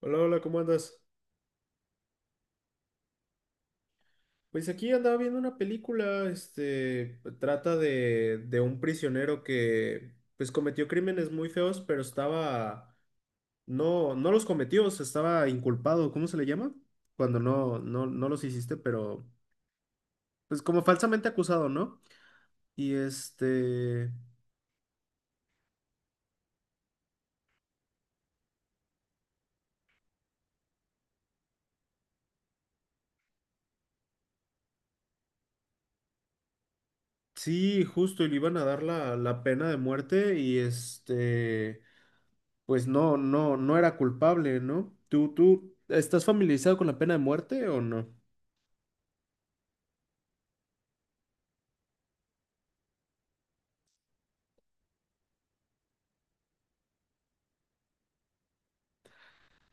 Hola, hola, ¿cómo andas? Pues aquí andaba viendo una película, este, trata de un prisionero que, pues, cometió crímenes muy feos, pero estaba, no, no los cometió, se estaba inculpado, ¿cómo se le llama? Cuando no, no, no los hiciste, pero, pues, como falsamente acusado, ¿no? Y este, sí, justo, y le iban a dar la pena de muerte y este, pues, no, no, no era culpable, ¿no? ¿Tú estás familiarizado con la pena de muerte o no?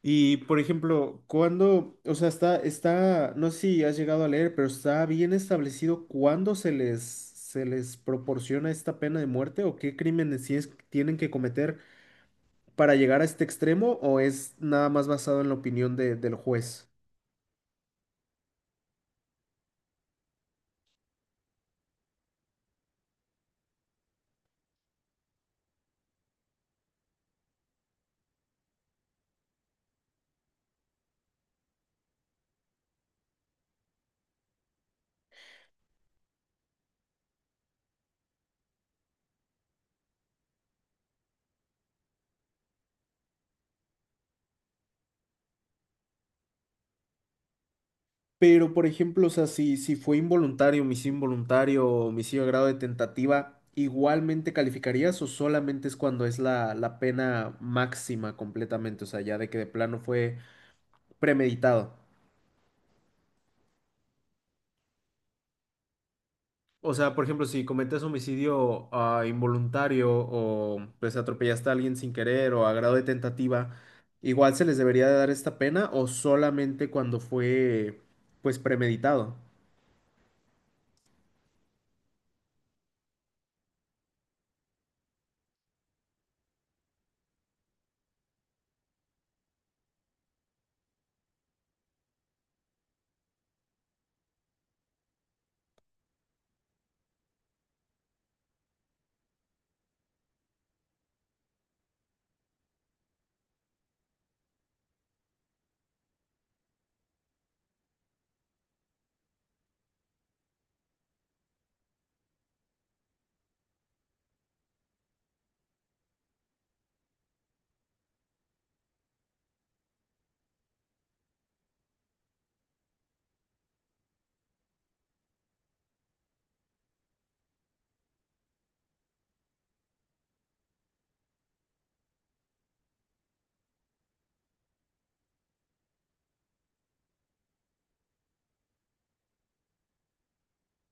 Y por ejemplo, cuando, o sea, está, no sé si has llegado a leer, pero está bien establecido cuándo se les proporciona esta pena de muerte o qué crímenes tienen que cometer para llegar a este extremo o es nada más basado en la opinión del juez. Pero por ejemplo, o sea, si fue involuntario, homicidio a grado de tentativa, ¿igualmente calificarías o solamente es cuando es la pena máxima completamente? O sea, ya de que de plano fue premeditado. O sea, por ejemplo, si cometes homicidio involuntario o pues atropellaste a alguien sin querer o a grado de tentativa, igual se les debería de dar esta pena o solamente cuando fue pues premeditado.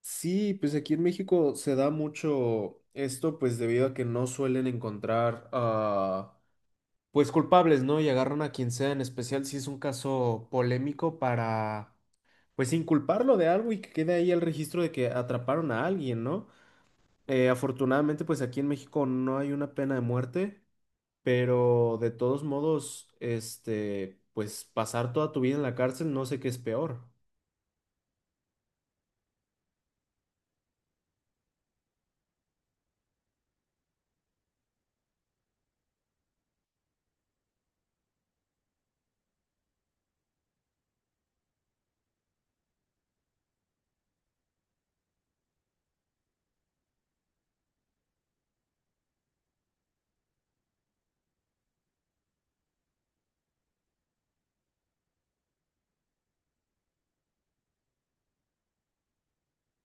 Sí, pues aquí en México se da mucho esto pues debido a que no suelen encontrar pues culpables, ¿no? Y agarran a quien sea, en especial si es un caso polémico para pues inculparlo de algo y que quede ahí el registro de que atraparon a alguien, ¿no? Afortunadamente, pues aquí en México no hay una pena de muerte, pero de todos modos, este, pues pasar toda tu vida en la cárcel no sé qué es peor.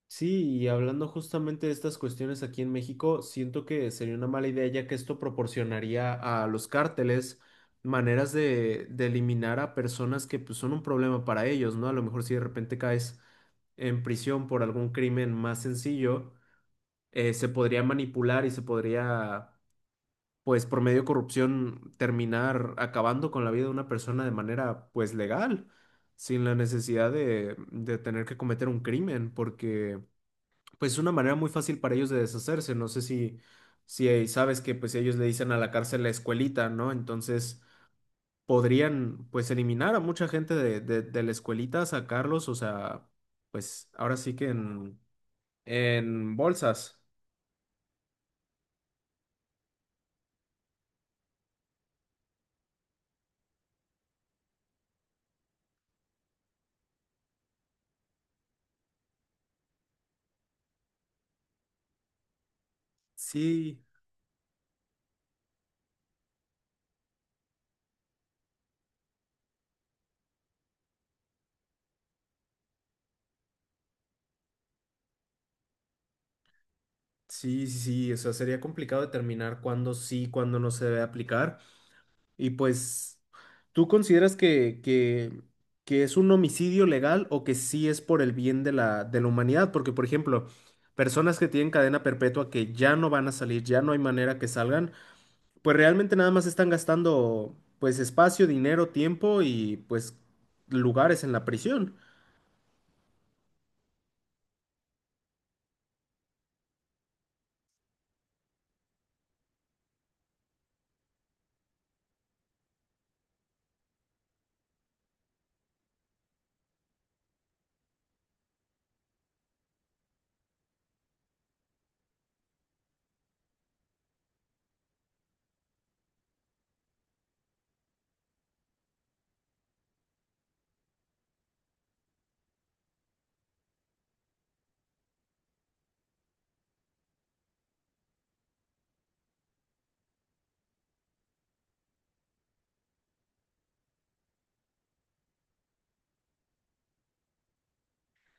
Sí, y hablando justamente de estas cuestiones aquí en México, siento que sería una mala idea ya que esto proporcionaría a los cárteles maneras de eliminar a personas que pues, son un problema para ellos, ¿no? A lo mejor si de repente caes en prisión por algún crimen más sencillo, se podría manipular y se podría pues por medio de corrupción terminar acabando con la vida de una persona de manera pues legal, sin la necesidad de tener que cometer un crimen, porque pues es una manera muy fácil para ellos de deshacerse. No sé si, si ahí sabes que pues ellos le dicen a la cárcel la escuelita, ¿no? Entonces podrían pues eliminar a mucha gente de la escuelita, sacarlos, o sea, pues ahora sí que en bolsas. Sí. Sí, sí, sí, o sea, sería complicado determinar cuándo sí, cuándo no se debe aplicar. Y pues, ¿tú consideras que es un homicidio legal o que sí es por el bien de la humanidad? Porque, por ejemplo, personas que tienen cadena perpetua que ya no van a salir, ya no hay manera que salgan, pues realmente nada más están gastando, pues, espacio, dinero, tiempo y, pues, lugares en la prisión.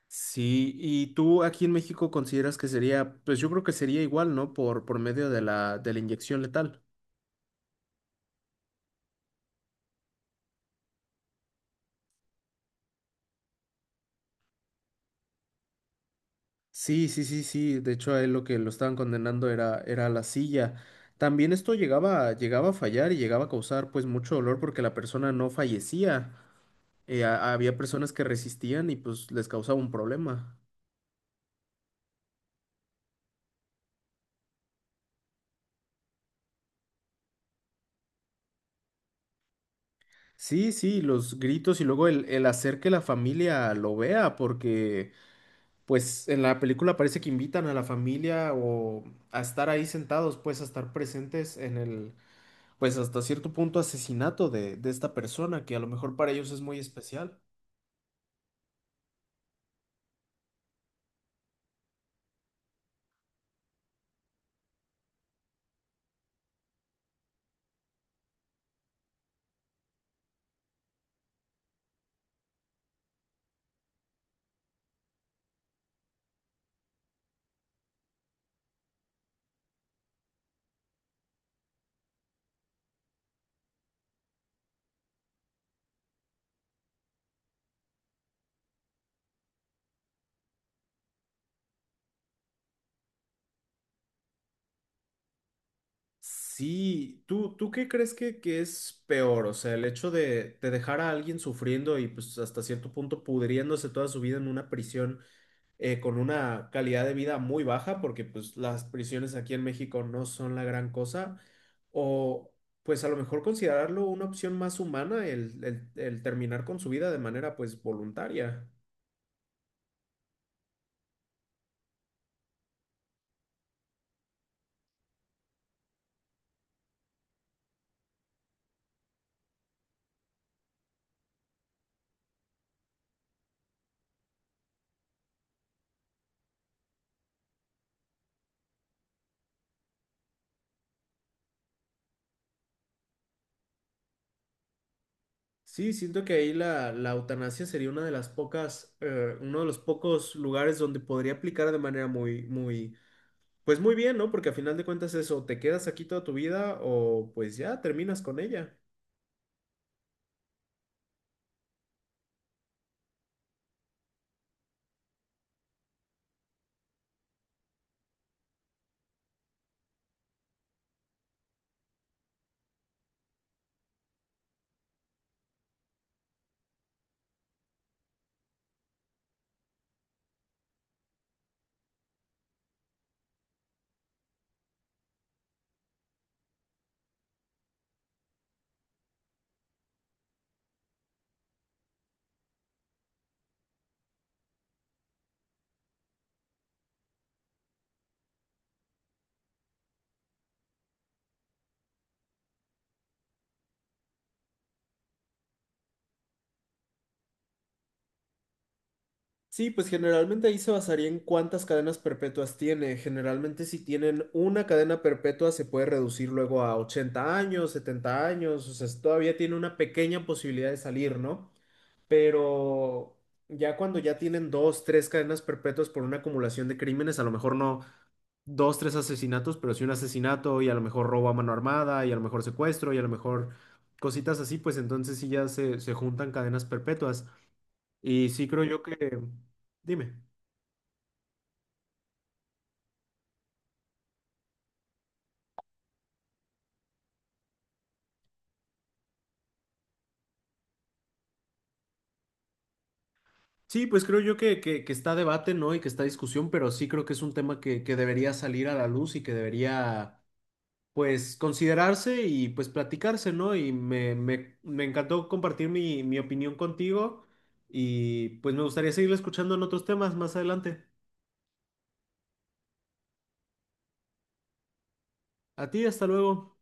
Sí, y tú aquí en México consideras que sería, pues yo creo que sería igual, ¿no? Por medio de la inyección letal. Sí, sí, sí, sí. De hecho, a él lo que lo estaban condenando era, era la silla. También esto llegaba, llegaba a fallar y llegaba a causar pues mucho dolor porque la persona no fallecía. Había personas que resistían y pues les causaba un problema. Sí, sí, los gritos y luego el hacer que la familia lo vea, porque pues en la película parece que invitan a la familia o a estar ahí sentados, pues a estar presentes en el, pues hasta cierto punto asesinato de esta persona, que a lo mejor para ellos es muy especial. Sí, ¿tú qué crees que es peor? O sea, el hecho de dejar a alguien sufriendo y pues hasta cierto punto pudriéndose toda su vida en una prisión con una calidad de vida muy baja, porque pues las prisiones aquí en México no son la gran cosa, o pues a lo mejor considerarlo una opción más humana el, el terminar con su vida de manera pues voluntaria. Sí, siento que ahí la eutanasia sería una de las pocas, uno de los pocos lugares donde podría aplicar de manera muy, muy, pues muy bien, ¿no? Porque a final de cuentas eso, te quedas aquí toda tu vida o pues ya terminas con ella. Sí, pues generalmente ahí se basaría en cuántas cadenas perpetuas tiene. Generalmente si tienen una cadena perpetua se puede reducir luego a 80 años, 70 años, o sea, todavía tiene una pequeña posibilidad de salir, ¿no? Pero ya cuando ya tienen dos, tres cadenas perpetuas por una acumulación de crímenes, a lo mejor no dos, tres asesinatos, pero sí un asesinato y a lo mejor robo a mano armada y a lo mejor secuestro y a lo mejor cositas así, pues entonces sí ya se juntan cadenas perpetuas. Y sí creo yo que... Dime. Sí, pues creo yo que está a debate, ¿no? Y que está a discusión, pero sí creo que es un tema que debería salir a la luz y que debería, pues, considerarse y, pues, platicarse, ¿no? Y me encantó compartir mi opinión contigo y, pues, me gustaría seguir escuchando en otros temas más adelante. A ti, hasta luego.